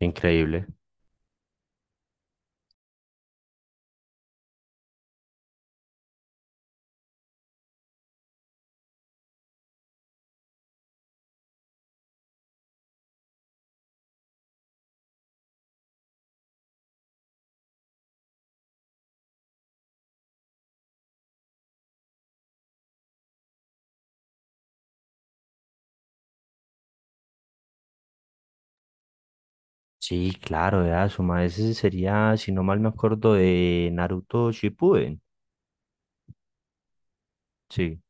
Increíble. Sí, claro, de Asuma. Ese sería, si no mal me acuerdo, de Naruto Shippuden. Sí.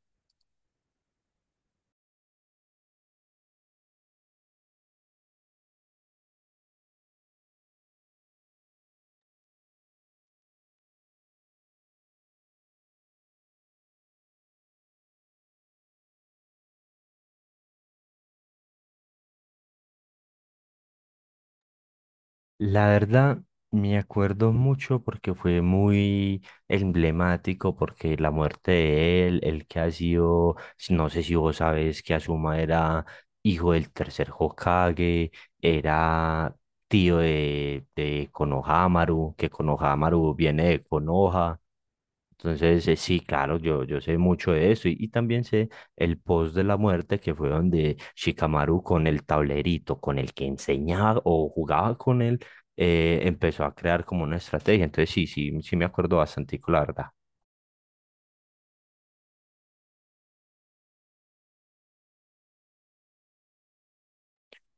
La verdad, me acuerdo mucho porque fue muy emblemático, porque la muerte de él, el que ha sido, no sé si vos sabes que Asuma era hijo del tercer Hokage, era tío de Konohamaru, que Konohamaru viene de Konoha. Entonces, sí, claro, yo sé mucho de eso y también sé el post de la muerte que fue donde Shikamaru con el tablerito, con el que enseñaba o jugaba con él, empezó a crear como una estrategia. Entonces, sí, sí, sí me acuerdo bastante, la verdad.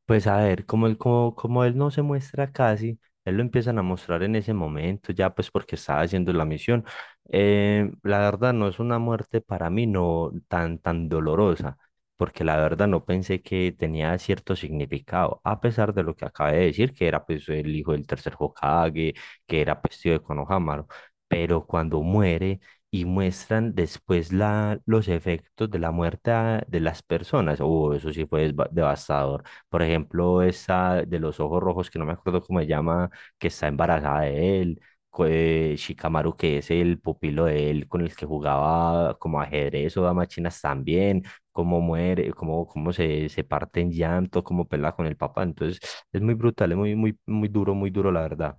Pues a ver, como él, como él no se muestra casi, él lo empiezan a mostrar en ese momento, ya pues porque estaba haciendo la misión. La verdad no es una muerte para mí no tan, tan dolorosa, porque la verdad no pensé que tenía cierto significado, a pesar de lo que acabé de decir, que era pues el hijo del tercer Hokage, que era pues tío de Konohamaru, pero cuando muere y muestran después los efectos de la muerte de las personas, oh, eso sí fue devastador. Por ejemplo, esa de los ojos rojos, que no me acuerdo cómo se llama, que está embarazada de él. Shikamaru, que es el pupilo de él con el que jugaba como ajedrez o damas chinas también, cómo muere, cómo, se parte en llanto, cómo pelea con el papá. Entonces, es muy brutal, es muy, muy, muy duro, la verdad.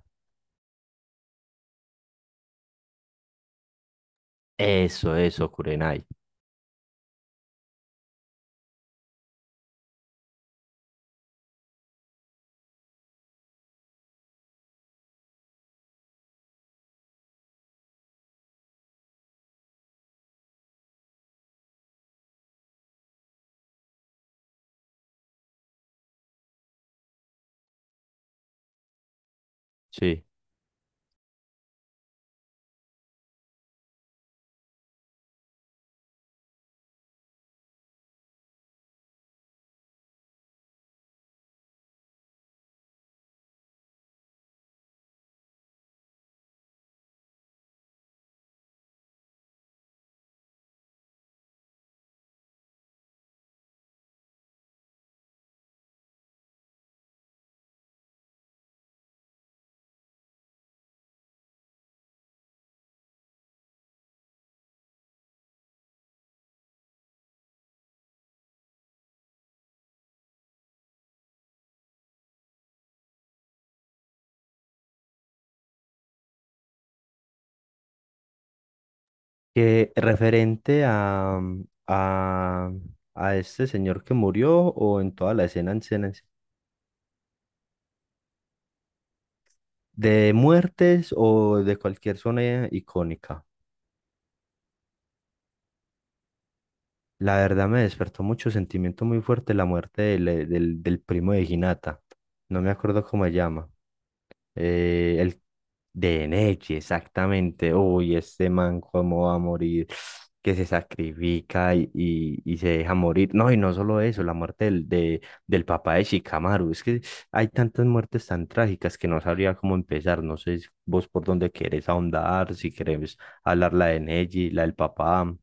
Eso, Kurenai. Sí. Que referente a, a este señor que murió o en toda la escena en escena. De muertes o de cualquier zona icónica. La verdad me despertó mucho sentimiento muy fuerte la muerte del, del, del primo de Hinata. No me acuerdo cómo se llama. El De Nechi, exactamente. Uy, este man, cómo va a morir, que se sacrifica y se deja morir. No, y no solo eso, la muerte del papá de Shikamaru. Es que hay tantas muertes tan trágicas que no sabría cómo empezar. No sé si vos por dónde querés ahondar, si querés hablar la de Neji, la del papá,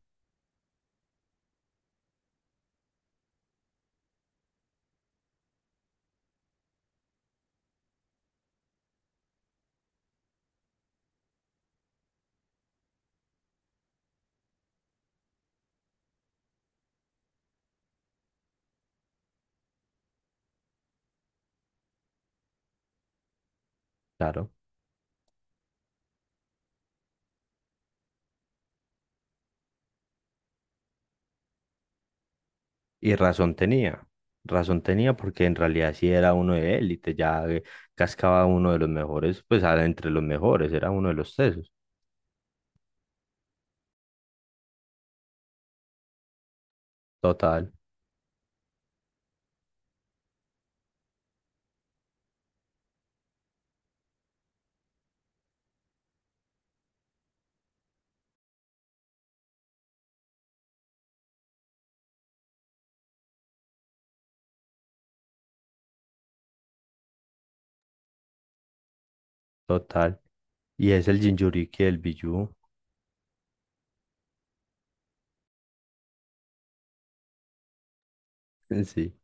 claro. Y razón tenía porque en realidad sí era uno de élite, ya cascaba uno de los mejores, pues era entre los mejores, era uno de los tesos, total, total. Y es el Jinchuriki del Bijou, sí.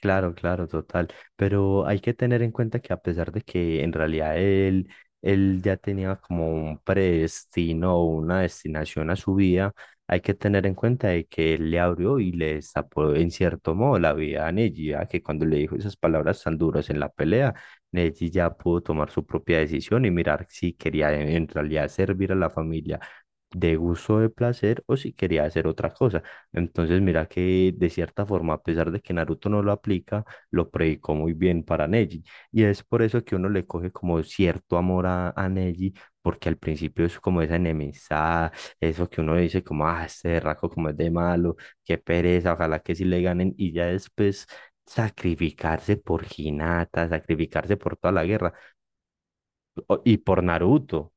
Claro, claro, total. Pero hay que tener en cuenta que a pesar de que en realidad él, él ya tenía como un predestino o una destinación a su vida, hay que tener en cuenta de que él le abrió y le destapó en cierto modo la vida a Neji, ya que cuando le dijo esas palabras tan duras en la pelea, Neji ya pudo tomar su propia decisión y mirar si quería en realidad servir a la familia de gusto o de placer o si quería hacer otra cosa. Entonces, mira que de cierta forma, a pesar de que Naruto no lo aplica, lo predicó muy bien para Neji. Y es por eso que uno le coge como cierto amor a Neji, porque al principio es como esa enemistad, eso que uno dice como, ah, este raco como es de malo, qué pereza, ojalá que sí le ganen. Y ya después sacrificarse por Hinata, sacrificarse por toda la guerra y por Naruto.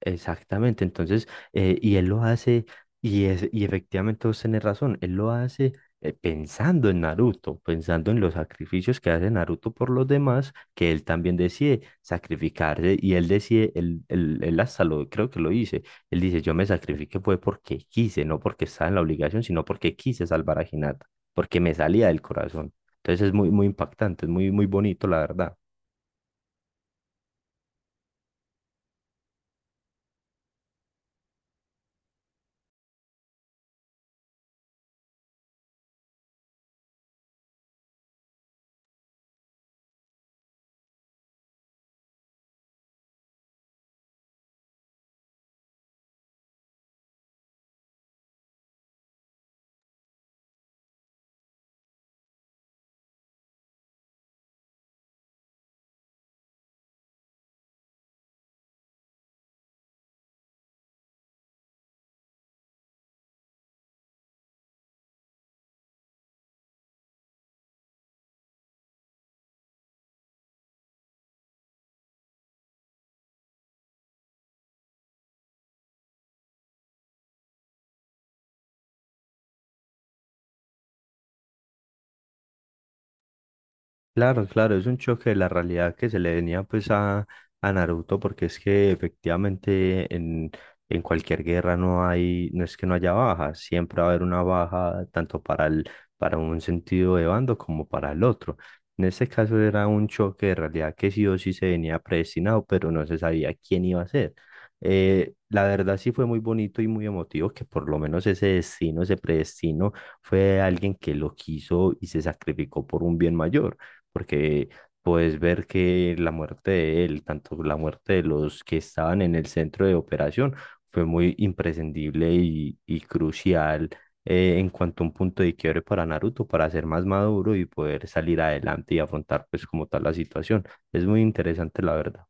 Exactamente, entonces, y él lo hace, y efectivamente vos tenés razón, él lo hace pensando en Naruto, pensando en los sacrificios que hace Naruto por los demás, que él también decide sacrificarse, y él decide, él hasta lo, creo que lo dice, él dice, yo me sacrifiqué fue porque quise, no porque estaba en la obligación, sino porque quise salvar a Hinata, porque me salía del corazón. Entonces es muy, muy impactante, es muy, muy bonito, la verdad. Claro, claro, es un choque de la realidad que se le venía pues a Naruto, porque es que efectivamente en cualquier guerra no hay, no es que no haya bajas, siempre va a haber una baja tanto para el, para un sentido de bando como para el otro. En este caso era un choque de realidad que sí o sí se venía predestinado, pero no se sabía quién iba a ser. La verdad sí fue muy bonito y muy emotivo que por lo menos ese destino, ese predestino, fue alguien que lo quiso y se sacrificó por un bien mayor porque puedes ver que la muerte de él, tanto la muerte de los que estaban en el centro de operación, fue muy imprescindible y crucial en cuanto a un punto de quiebre para Naruto, para ser más maduro y poder salir adelante y afrontar pues como tal la situación. Es muy interesante, la verdad.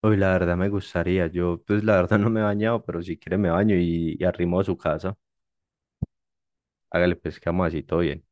Hoy la verdad me gustaría, yo pues la verdad no me he bañado, pero si quiere me baño y arrimo a su casa. Hágale pues que vamos así, todo bien.